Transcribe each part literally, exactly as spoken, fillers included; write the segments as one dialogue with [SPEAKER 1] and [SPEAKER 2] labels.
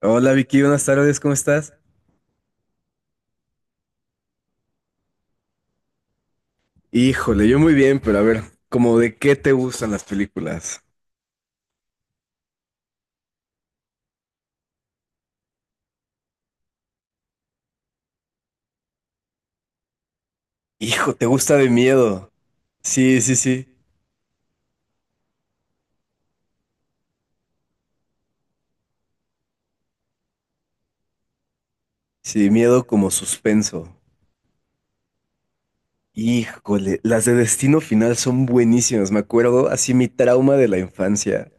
[SPEAKER 1] Hola Vicky, buenas tardes, ¿cómo estás? Híjole, yo muy bien, pero a ver, ¿como de qué te gustan las películas? Hijo, ¿te gusta de miedo? Sí, sí, sí. Sí, miedo como suspenso. Híjole, las de Destino Final son buenísimas, me acuerdo, así mi trauma de la infancia,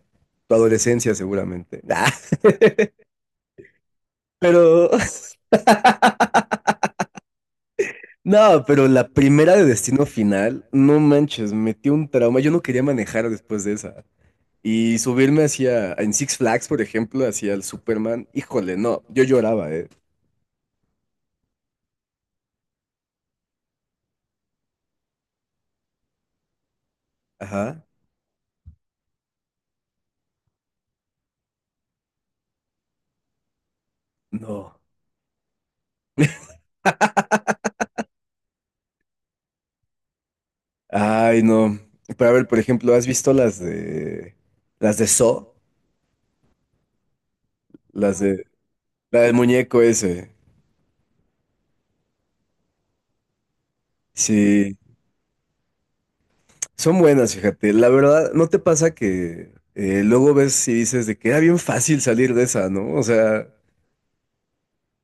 [SPEAKER 1] tu adolescencia seguramente. Ah, pero, no, pero la primera de Destino Final, no manches, metió un trauma, yo no quería manejar después de esa. Y subirme hacia, en Six Flags, por ejemplo, hacia el Superman, híjole, no, yo lloraba, ¿eh? Ajá, no. Ay, no. Pero a ver, por ejemplo, ¿has visto las de, las de Saw? Las de, la del muñeco ese. Sí, son buenas, fíjate. La verdad, ¿no te pasa que eh, luego ves y dices de que era bien fácil salir de esa, ¿no? O sea,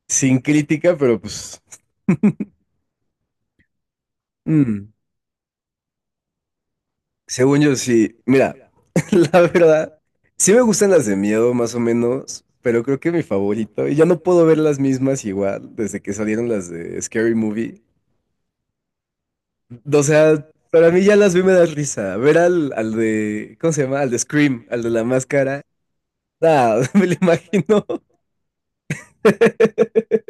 [SPEAKER 1] sin crítica, pero pues... Mm. Según yo, sí. Mira, la verdad, sí me gustan las de miedo, más o menos, pero creo que mi favorito, y ya no puedo ver las mismas igual desde que salieron las de Scary Movie. O sea, para mí ya las vi y me da risa. Ver al, al de, ¿cómo se llama? Al de Scream, al de la máscara. Ah, me lo imagino.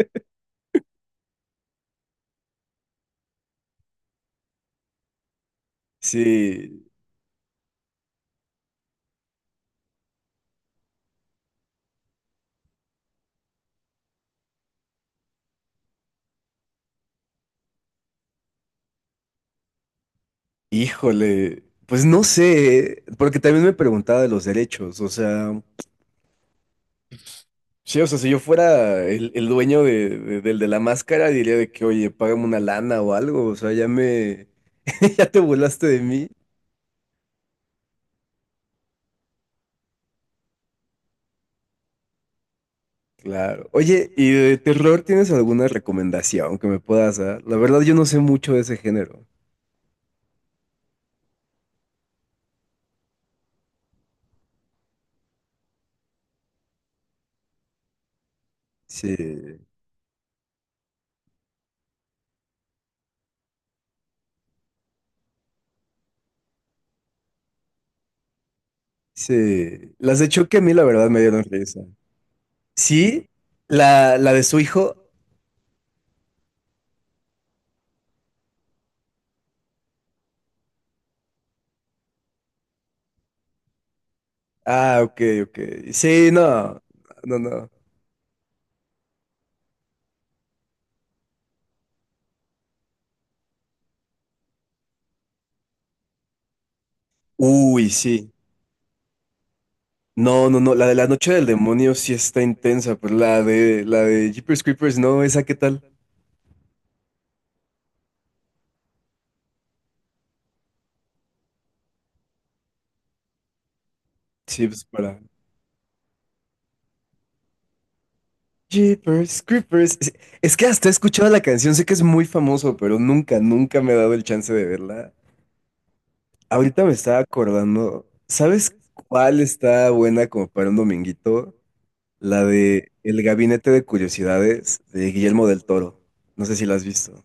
[SPEAKER 1] Sí, híjole. Pues no sé, porque también me preguntaba de los derechos, o sea. Sí, o sea, si yo fuera el, el dueño de, de- del de la máscara, diría de que, oye, págame una lana o algo, o sea, ya me, ya te burlaste de mí. Claro. Oye, ¿y de terror tienes alguna recomendación que me puedas dar? La verdad, yo no sé mucho de ese género. Sí, sí. Las de Chucky a mí, la verdad, me dieron risa. Sí, la, la de su hijo. Ah, ok, ok. Sí, no, no, no. Uy, sí. No, no, no, la de la noche del demonio sí está intensa, pero la de la de Jeepers Creepers no, ¿esa qué tal? Sí, pues para Jeepers Creepers. Es, es que hasta he escuchado la canción, sé que es muy famoso, pero nunca, nunca me he dado el chance de verla. Ahorita me estaba acordando, ¿sabes cuál está buena como para un dominguito? La de El Gabinete de Curiosidades de Guillermo del Toro. No sé si la has visto.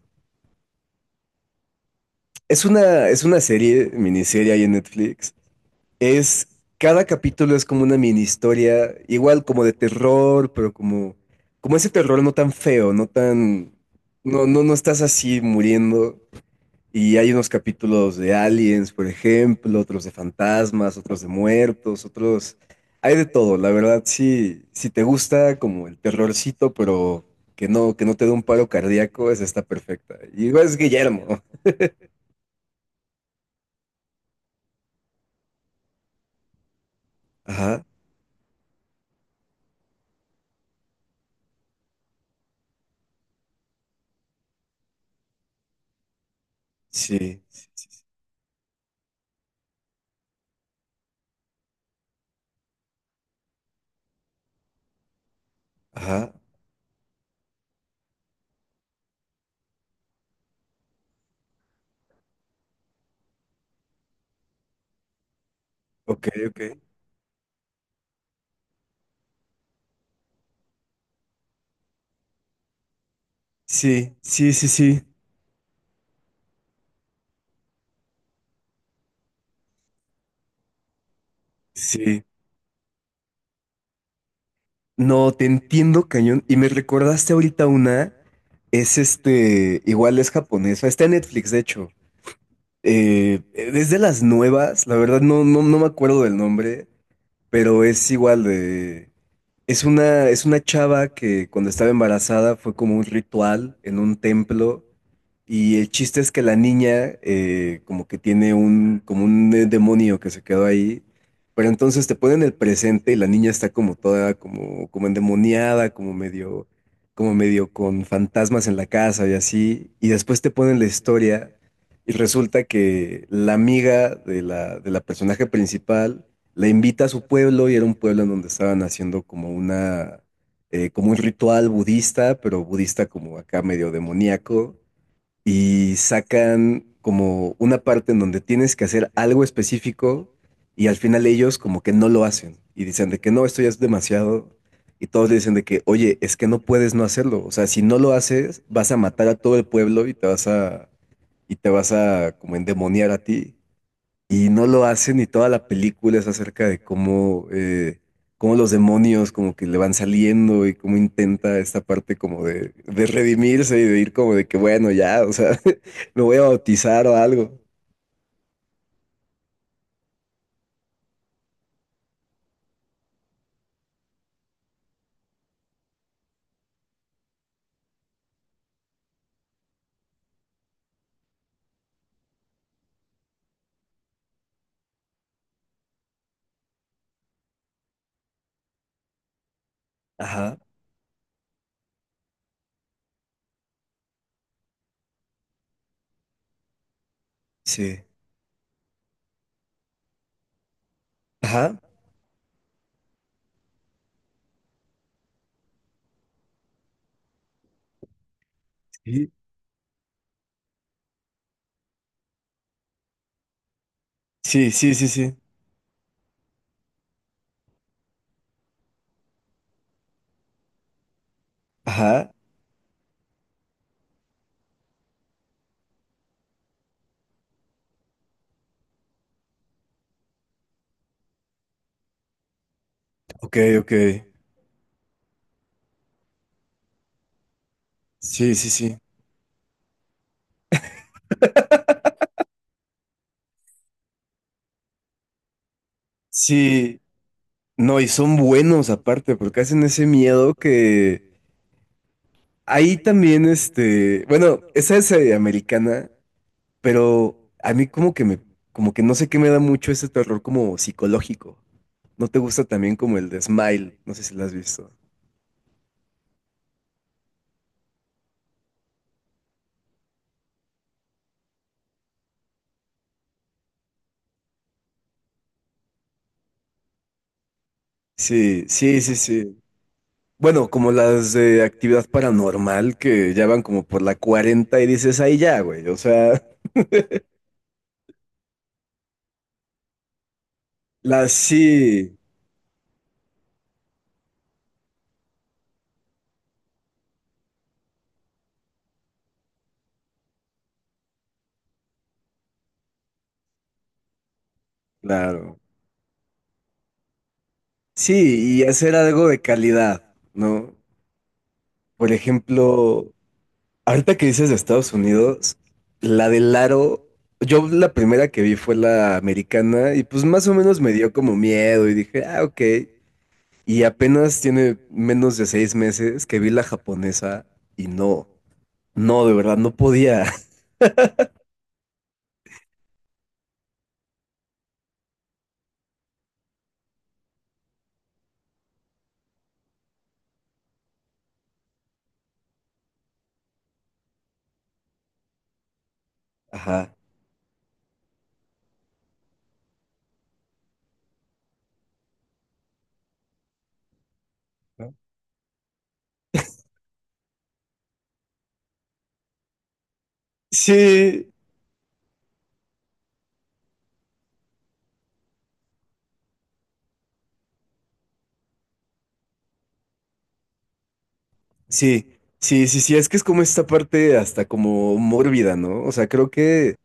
[SPEAKER 1] Es una, es una serie, miniserie ahí en Netflix. Es, cada capítulo es como una mini historia, igual como de terror, pero como, como ese terror no tan feo, no tan, no, no, no estás así muriendo. Y hay unos capítulos de aliens, por ejemplo, otros de fantasmas, otros de muertos, otros, hay de todo, la verdad, sí, si te gusta como el terrorcito, pero que no, que no te dé un paro cardíaco, esa está perfecta. Y igual es Guillermo. Ajá, sí, sí, sí, sí. Ajá, ok, ok. Sí, sí, sí, sí, sí. No, te entiendo, cañón. Y me recordaste ahorita una, es este, igual es japonesa, está en Netflix, de hecho. Eh, es de las nuevas, la verdad no, no, no me acuerdo del nombre, pero es igual de... Es una, es una chava que cuando estaba embarazada fue como un ritual en un templo y el chiste es que la niña eh, como que tiene un, como un eh, demonio que se quedó ahí, pero entonces te ponen el presente y la niña está como toda como, como endemoniada, como medio, como medio con fantasmas en la casa y así, y después te ponen la historia y resulta que la amiga de la, de la personaje principal la invita a su pueblo y era un pueblo en donde estaban haciendo como una, eh, como un ritual budista, pero budista como acá medio demoníaco, y sacan como una parte en donde tienes que hacer algo específico y al final ellos como que no lo hacen y dicen de que no, esto ya es demasiado y todos le dicen de que, oye, es que no puedes no hacerlo, o sea, si no lo haces vas a matar a todo el pueblo y te vas a, y te vas a como endemoniar a ti y no lo hacen y toda la película es acerca de cómo, eh, cómo los demonios como que le van saliendo y cómo intenta esta parte como de, de redimirse y de ir como de que bueno, ya, o sea, me voy a bautizar o algo. Ajá, sí. Ajá, sí, sí, sí, sí, sí. Ajá, ok, ok. Sí, sí, sí. Sí, no, y son buenos aparte, porque hacen ese miedo que ahí también, este, bueno, esa es eh, americana, pero a mí como que me, como que no sé qué me da mucho ese terror como psicológico. ¿No te gusta también como el de Smile? No sé si la has visto. Sí, sí, sí, sí. Bueno, como las de actividad paranormal que ya van como por la cuarenta y dices, ahí ya, güey. O sea, las sí, claro. Sí, y hacer algo de calidad, ¿no? Por ejemplo, ahorita que dices de Estados Unidos, la del aro, yo la primera que vi fue la americana y pues más o menos me dio como miedo y dije, ah, ok. Y apenas tiene menos de seis meses que vi la japonesa y no, no, de verdad, no podía. Ajá. ¿No? Sí, sí, sí, sí, sí, es que es como esta parte hasta como mórbida, ¿no? O sea, creo que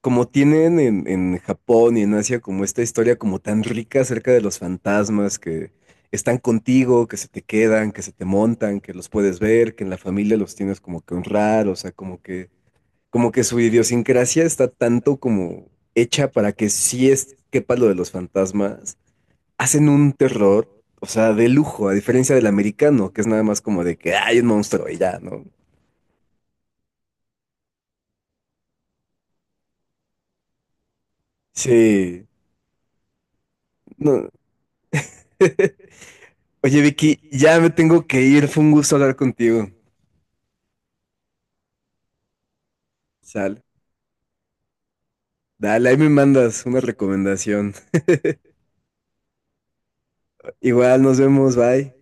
[SPEAKER 1] como tienen en, en Japón y en Asia como esta historia como tan rica acerca de los fantasmas que están contigo, que se te quedan, que se te montan, que los puedes ver, que en la familia los tienes como que honrar, o sea, como que, como que su idiosincrasia está tanto como hecha para que si es quepa lo de los fantasmas, hacen un terror, o sea, de lujo, a diferencia del americano, que es nada más como de que "Ah, hay un monstruo y ya, ¿no?" Sí, no. Oye, Vicky, ya me tengo que ir. Fue un gusto hablar contigo. Sal. Dale, ahí me mandas una recomendación. Igual, nos vemos. Bye.